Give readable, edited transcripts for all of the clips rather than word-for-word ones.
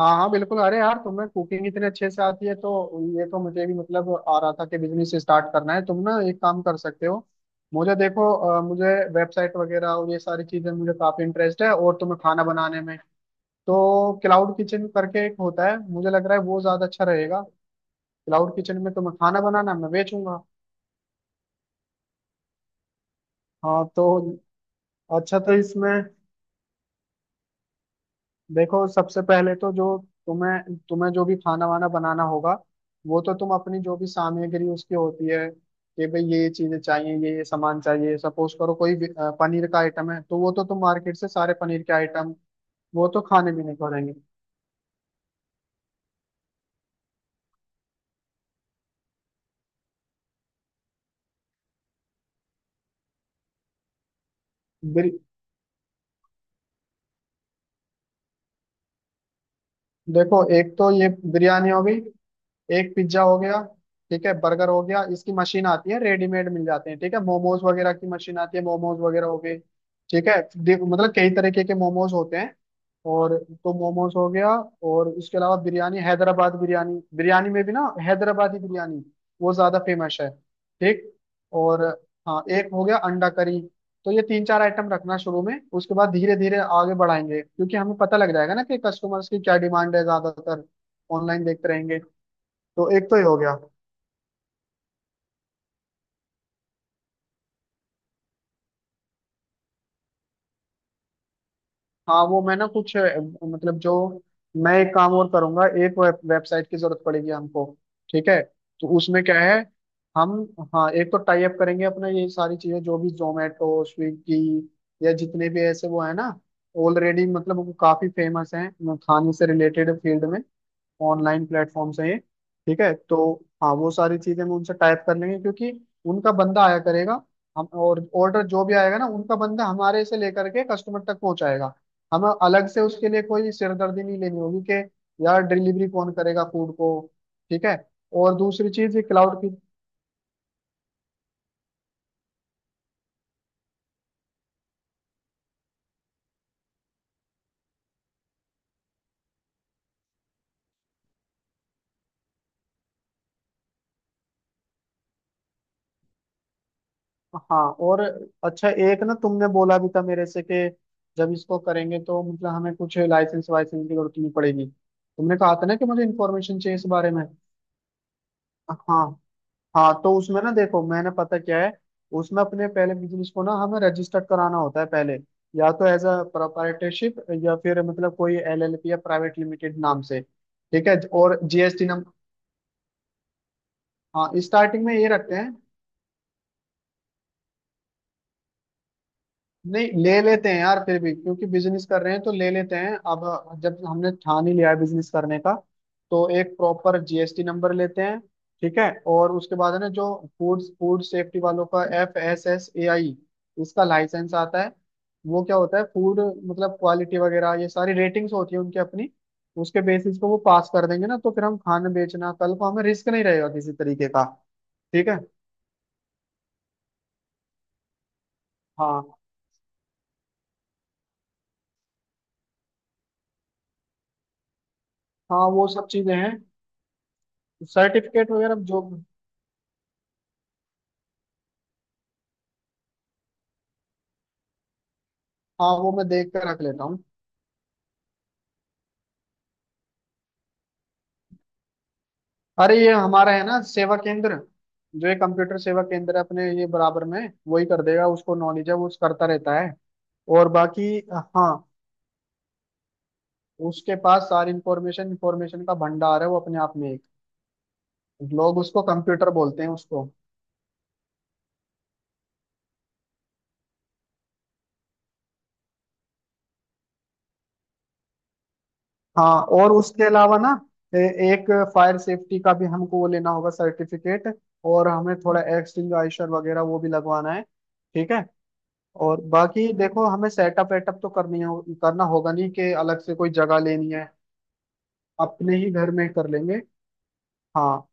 हाँ हाँ बिल्कुल। अरे यार, तुम्हें कुकिंग इतने अच्छे से आती है तो ये तो मुझे भी मतलब आ रहा था कि बिजनेस स्टार्ट करना है। तुम ना एक काम कर सकते हो। मुझे देखो, मुझे वेबसाइट वगैरह और ये सारी चीजें मुझे काफी इंटरेस्ट है और तुम्हें खाना बनाने में। तो क्लाउड किचन करके एक होता है, मुझे लग रहा है वो ज्यादा अच्छा रहेगा। क्लाउड किचन में तुम्हें खाना बनाना, मैं बेचूंगा। हाँ तो अच्छा, तो इसमें देखो, सबसे पहले तो जो तुम्हें तुम्हें जो भी खाना वाना बनाना होगा वो तो तुम अपनी जो भी सामग्री उसकी होती है कि भाई ये चीजें चाहिए, ये सामान चाहिए। सपोज करो कोई भी, पनीर का आइटम है तो वो तो तुम मार्केट से सारे पनीर के आइटम, वो तो खाने भी नहीं पड़ेंगे। बिर- देखो, एक तो ये बिरयानी हो गई, एक पिज्जा हो गया, ठीक है बर्गर हो गया, इसकी मशीन आती है रेडीमेड मिल जाते हैं। ठीक है, मोमोज वगैरह की मशीन आती है, मोमोज वगैरह हो गए। ठीक है, मतलब कई तरीके के मोमोज होते हैं। और तो मोमोज हो गया। और इसके अलावा बिरयानी, हैदराबाद बिरयानी, बिरयानी में भी ना हैदराबादी बिरयानी वो ज्यादा फेमस है। ठीक। और हाँ, एक हो गया अंडा करी। तो ये तीन चार आइटम रखना शुरू में, उसके बाद धीरे धीरे आगे बढ़ाएंगे क्योंकि हमें पता लग जाएगा ना कि कस्टमर्स की क्या डिमांड है ज्यादातर। ऑनलाइन देखते रहेंगे। तो एक तो ये हो गया। हाँ, वो मैं ना कुछ मतलब जो, मैं एक काम और करूंगा, एक वेबसाइट की जरूरत पड़ेगी हमको। ठीक है, तो उसमें क्या है, हम हाँ एक तो टाई अप करेंगे अपना, ये सारी चीजें जो भी जोमेटो स्विगी या जितने भी ऐसे वो है ना, ऑलरेडी मतलब वो काफी फेमस हैं खाने से रिलेटेड फील्ड में। ऑनलाइन प्लेटफॉर्म्स हैं ये। ठीक है, तो हाँ वो सारी चीजें हम उनसे टाइप कर लेंगे क्योंकि उनका बंदा आया करेगा। हम और ऑर्डर जो भी आएगा ना, उनका बंदा हमारे से लेकर के कस्टमर तक पहुंचाएगा। हमें अलग से उसके लिए कोई सिरदर्दी नहीं लेनी होगी कि यार डिलीवरी कौन करेगा फूड को। ठीक है। और दूसरी चीज ये क्लाउड की। हाँ और अच्छा, एक ना तुमने बोला भी था मेरे से कि जब इसको करेंगे तो मतलब हमें कुछ लाइसेंस वाइसेंस की जरूरत नहीं पड़ेगी। तुमने कहा था ना कि मुझे इन्फॉर्मेशन चाहिए इस बारे में। हाँ हाँ, तो उसमें ना देखो, मैंने पता क्या है, उसमें अपने पहले बिजनेस को ना हमें रजिस्टर कराना होता है पहले, या तो एज अ प्रोप्राइटरशिप या फिर मतलब कोई LLP या प्राइवेट लिमिटेड नाम से। ठीक है, और GST नंबर। हाँ, स्टार्टिंग में ये रखते हैं, नहीं ले लेते हैं यार फिर भी क्योंकि बिजनेस कर रहे हैं तो ले लेते हैं अब, जब हमने ठान ही लिया है बिजनेस करने का, तो एक प्रॉपर GST नंबर लेते हैं। ठीक है, और उसके बाद है ना जो फूड फूड सेफ्टी वालों का FSSAI, इसका लाइसेंस आता है। वो क्या होता है, फूड मतलब क्वालिटी वगैरह, ये सारी रेटिंग्स होती है उनकी अपनी। उसके बेसिस पे वो पास कर देंगे ना तो फिर हम खाना बेचना, कल को हमें रिस्क नहीं रहेगा किसी तरीके का। ठीक है। हाँ हाँ, वो सब चीजें हैं सर्टिफिकेट वगैरह जो। हाँ वो मैं देख कर रख लेता हूँ। अरे ये हमारा है ना सेवा केंद्र, जो ये कंप्यूटर सेवा केंद्र है अपने ये बराबर में, वही कर देगा। उसको नॉलेज है, वो उस करता रहता है। और बाकी हाँ, उसके पास सारी इंफॉर्मेशन, इंफॉर्मेशन का भंडार है वो अपने आप में एक। लोग उसको कंप्यूटर बोलते हैं उसको। हाँ और उसके अलावा ना, ए- एक फायर सेफ्टी का भी हमको वो लेना होगा सर्टिफिकेट, और हमें थोड़ा एक्सटिंग्विशर वगैरह वो भी लगवाना है। ठीक है। और बाकी देखो, हमें सेटअप वेटअप तो करनी हो करना होगा, नहीं कि अलग से कोई जगह लेनी है, अपने ही घर में कर लेंगे। हाँ,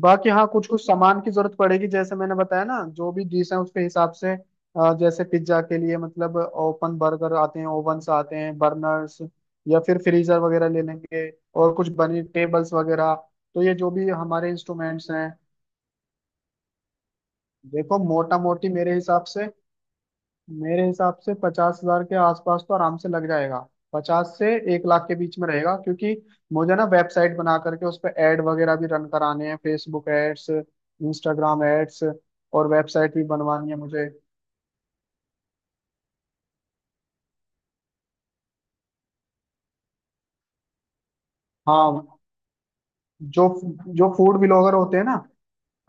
बाकी हाँ कुछ कुछ सामान की जरूरत पड़ेगी, जैसे मैंने बताया ना जो भी डिश है उसके हिसाब से, जैसे पिज्जा के लिए मतलब ओपन, बर्गर आते हैं, ओवन्स आते हैं, बर्नर्स या फिर फ्रीजर वगैरह ले लेंगे। और कुछ बनी टेबल्स वगैरह, तो ये जो भी हमारे इंस्ट्रूमेंट्स हैं। देखो मोटा मोटी मेरे हिसाब से, मेरे हिसाब से 50,000 के आसपास तो आराम से लग जाएगा, पचास से 1 लाख के बीच में रहेगा क्योंकि मुझे ना वेबसाइट बना करके उस पर एड वगैरह भी रन कराने हैं, फेसबुक एड्स, इंस्टाग्राम एड्स, और वेबसाइट भी बनवानी है मुझे। हाँ, जो जो फूड ब्लॉगर होते हैं ना,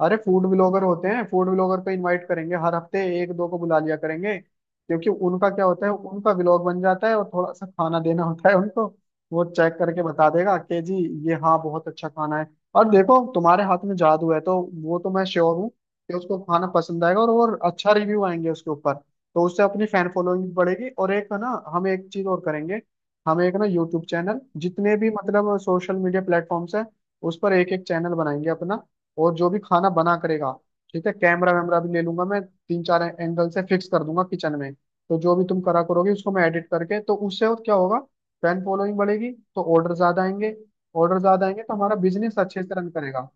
अरे फूड ब्लॉगर होते हैं, फूड ब्लॉगर को इनवाइट करेंगे, हर हफ्ते एक दो को बुला लिया करेंगे क्योंकि उनका क्या होता है उनका व्लॉग बन जाता है और थोड़ा सा खाना देना होता है उनको। वो चेक करके बता देगा कि जी ये हाँ बहुत अच्छा खाना है। और देखो तुम्हारे हाथ में जादू है तो वो तो मैं श्योर हूँ कि उसको खाना पसंद आएगा, और अच्छा रिव्यू आएंगे उसके ऊपर, तो उससे अपनी फैन फॉलोइंग भी बढ़ेगी। और एक है ना, हम एक चीज और करेंगे। हम एक ना यूट्यूब चैनल, जितने भी मतलब सोशल मीडिया प्लेटफॉर्म्स है, उस पर एक एक चैनल बनाएंगे अपना, और जो भी खाना बना करेगा, ठीक है कैमरा वैमरा भी ले लूंगा मैं, तीन चार एंगल से फिक्स कर दूंगा किचन में, तो जो भी तुम करा करोगे उसको मैं एडिट करके, तो उससे और क्या होगा, फैन फॉलोइंग बढ़ेगी तो ऑर्डर ज्यादा आएंगे। ऑर्डर ज्यादा आएंगे तो हमारा बिजनेस अच्छे से रन करेगा।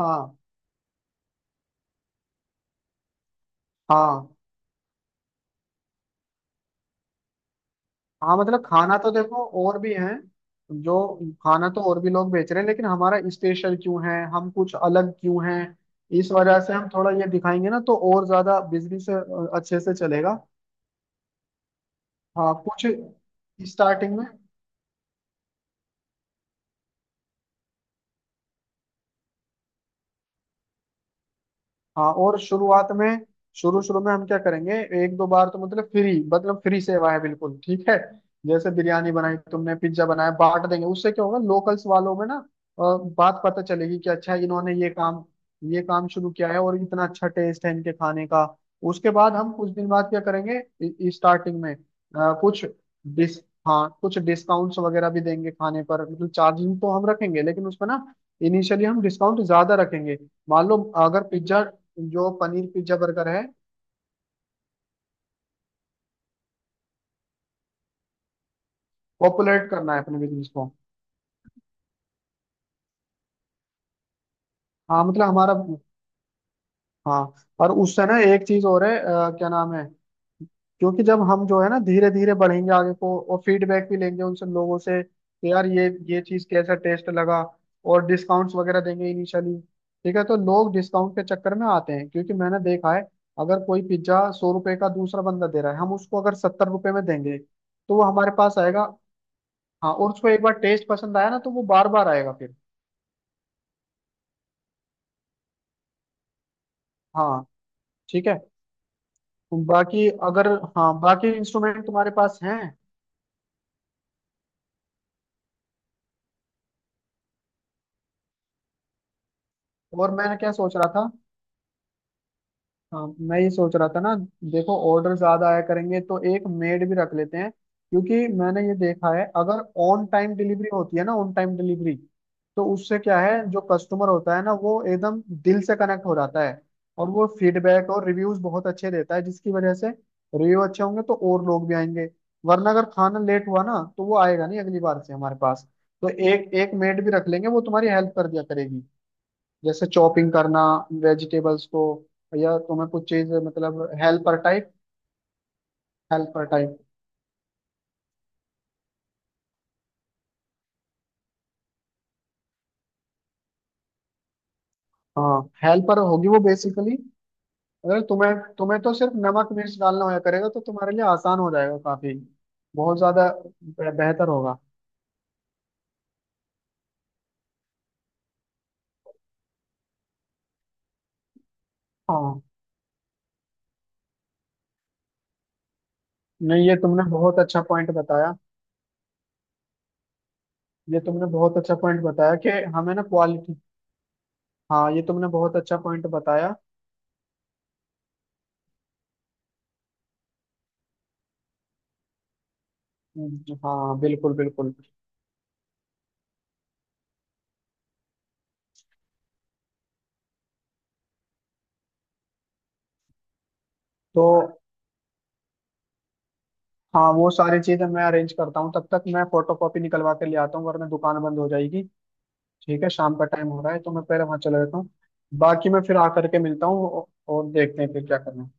हाँ हाँ हाँ, मतलब खाना तो देखो और भी है जो, खाना तो और भी लोग बेच रहे हैं लेकिन हमारा स्पेशल क्यों है, हम कुछ अलग क्यों हैं, इस वजह से हम थोड़ा ये दिखाएंगे ना तो और ज्यादा बिजनेस अच्छे से चलेगा। हाँ कुछ स्टार्टिंग में। हाँ और शुरुआत में, शुरू शुरू में हम क्या करेंगे, एक दो बार तो मतलब फ्री, मतलब फ्री सेवा है बिल्कुल, ठीक है, जैसे बिरयानी बनाई तुमने, पिज्जा बनाया, बांट देंगे, उससे क्या होगा लोकल्स वालों में ना अ, बात पता चलेगी कि अच्छा इन्होंने ये काम शुरू किया है और इतना अच्छा टेस्ट है इनके खाने का। उसके बाद हम कुछ दिन बाद क्या करेंगे, स्टार्टिंग में अ, कुछ डिस हाँ कुछ डिस्काउंट्स वगैरह भी देंगे खाने पर, मतलब चार्जिंग तो हम रखेंगे लेकिन उसमें ना इनिशियली हम डिस्काउंट ज्यादा रखेंगे। मान लो अगर पिज्जा, जो पनीर पिज्जा बर्गर है, पॉपुलेट करना है अपने बिजनेस को। हाँ मतलब हमारा। हाँ और उससे ना एक चीज और है, क्या नाम है, क्योंकि जब हम जो है ना, धीरे धीरे बढ़ेंगे आगे को और फीडबैक भी लेंगे उनसे लोगों से कि यार ये चीज कैसा टेस्ट लगा, और डिस्काउंट्स वगैरह देंगे इनिशियली। ठीक है, तो लोग डिस्काउंट के चक्कर में आते हैं क्योंकि मैंने देखा है, अगर कोई पिज्जा 100 रुपए का दूसरा बंदा दे रहा है, हम उसको अगर 70 रुपए में देंगे तो वो हमारे पास आएगा। हाँ, और उसको एक बार टेस्ट पसंद आया ना तो वो बार बार आएगा फिर। हाँ ठीक है, बाकी अगर हाँ बाकी इंस्ट्रूमेंट तुम्हारे पास हैं। और मैं क्या सोच रहा था, हाँ मैं ये सोच रहा था ना, देखो ऑर्डर ज्यादा आया करेंगे तो एक मेड भी रख लेते हैं क्योंकि मैंने ये देखा है अगर ऑन टाइम डिलीवरी होती है ना, ऑन टाइम डिलीवरी, तो उससे क्या है, जो कस्टमर होता है ना वो एकदम दिल से कनेक्ट हो जाता है और वो फीडबैक और रिव्यूज बहुत अच्छे देता है, जिसकी वजह से रिव्यू अच्छे होंगे तो और लोग भी आएंगे, वरना अगर खाना लेट हुआ ना तो वो आएगा नहीं अगली बार से हमारे पास। तो एक एक मेड भी रख लेंगे वो तुम्हारी हेल्प कर दिया करेगी, जैसे चॉपिंग करना वेजिटेबल्स को, या तुम्हें कुछ चीज मतलब हेल्पर टाइप, हेल्पर टाइप, हाँ हेल्पर होगी वो बेसिकली। अगर तुम्हें तुम्हें तो सिर्फ नमक मिर्च डालना होया करेगा तो तुम्हारे लिए आसान हो जाएगा काफी, बहुत ज्यादा बेहतर होगा। हाँ नहीं, ये तुमने बहुत अच्छा पॉइंट बताया। ये तुमने बहुत अच्छा पॉइंट बताया कि हमें ना क्वालिटी। हाँ ये तुमने बहुत अच्छा पॉइंट बताया। हाँ बिल्कुल बिल्कुल। तो हाँ वो सारी चीजें मैं अरेंज करता हूँ, तब तक मैं फोटो कॉपी निकलवा के ले आता हूँ वरना दुकान बंद हो जाएगी। ठीक है, शाम का टाइम हो रहा है तो मैं पहले वहां चला जाता हूँ, बाकी मैं फिर आकर के मिलता हूँ और देखते हैं फिर क्या करना है।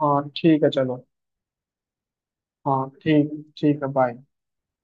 हाँ ठीक है चलो। हाँ ठीक। ठीक है, बाय।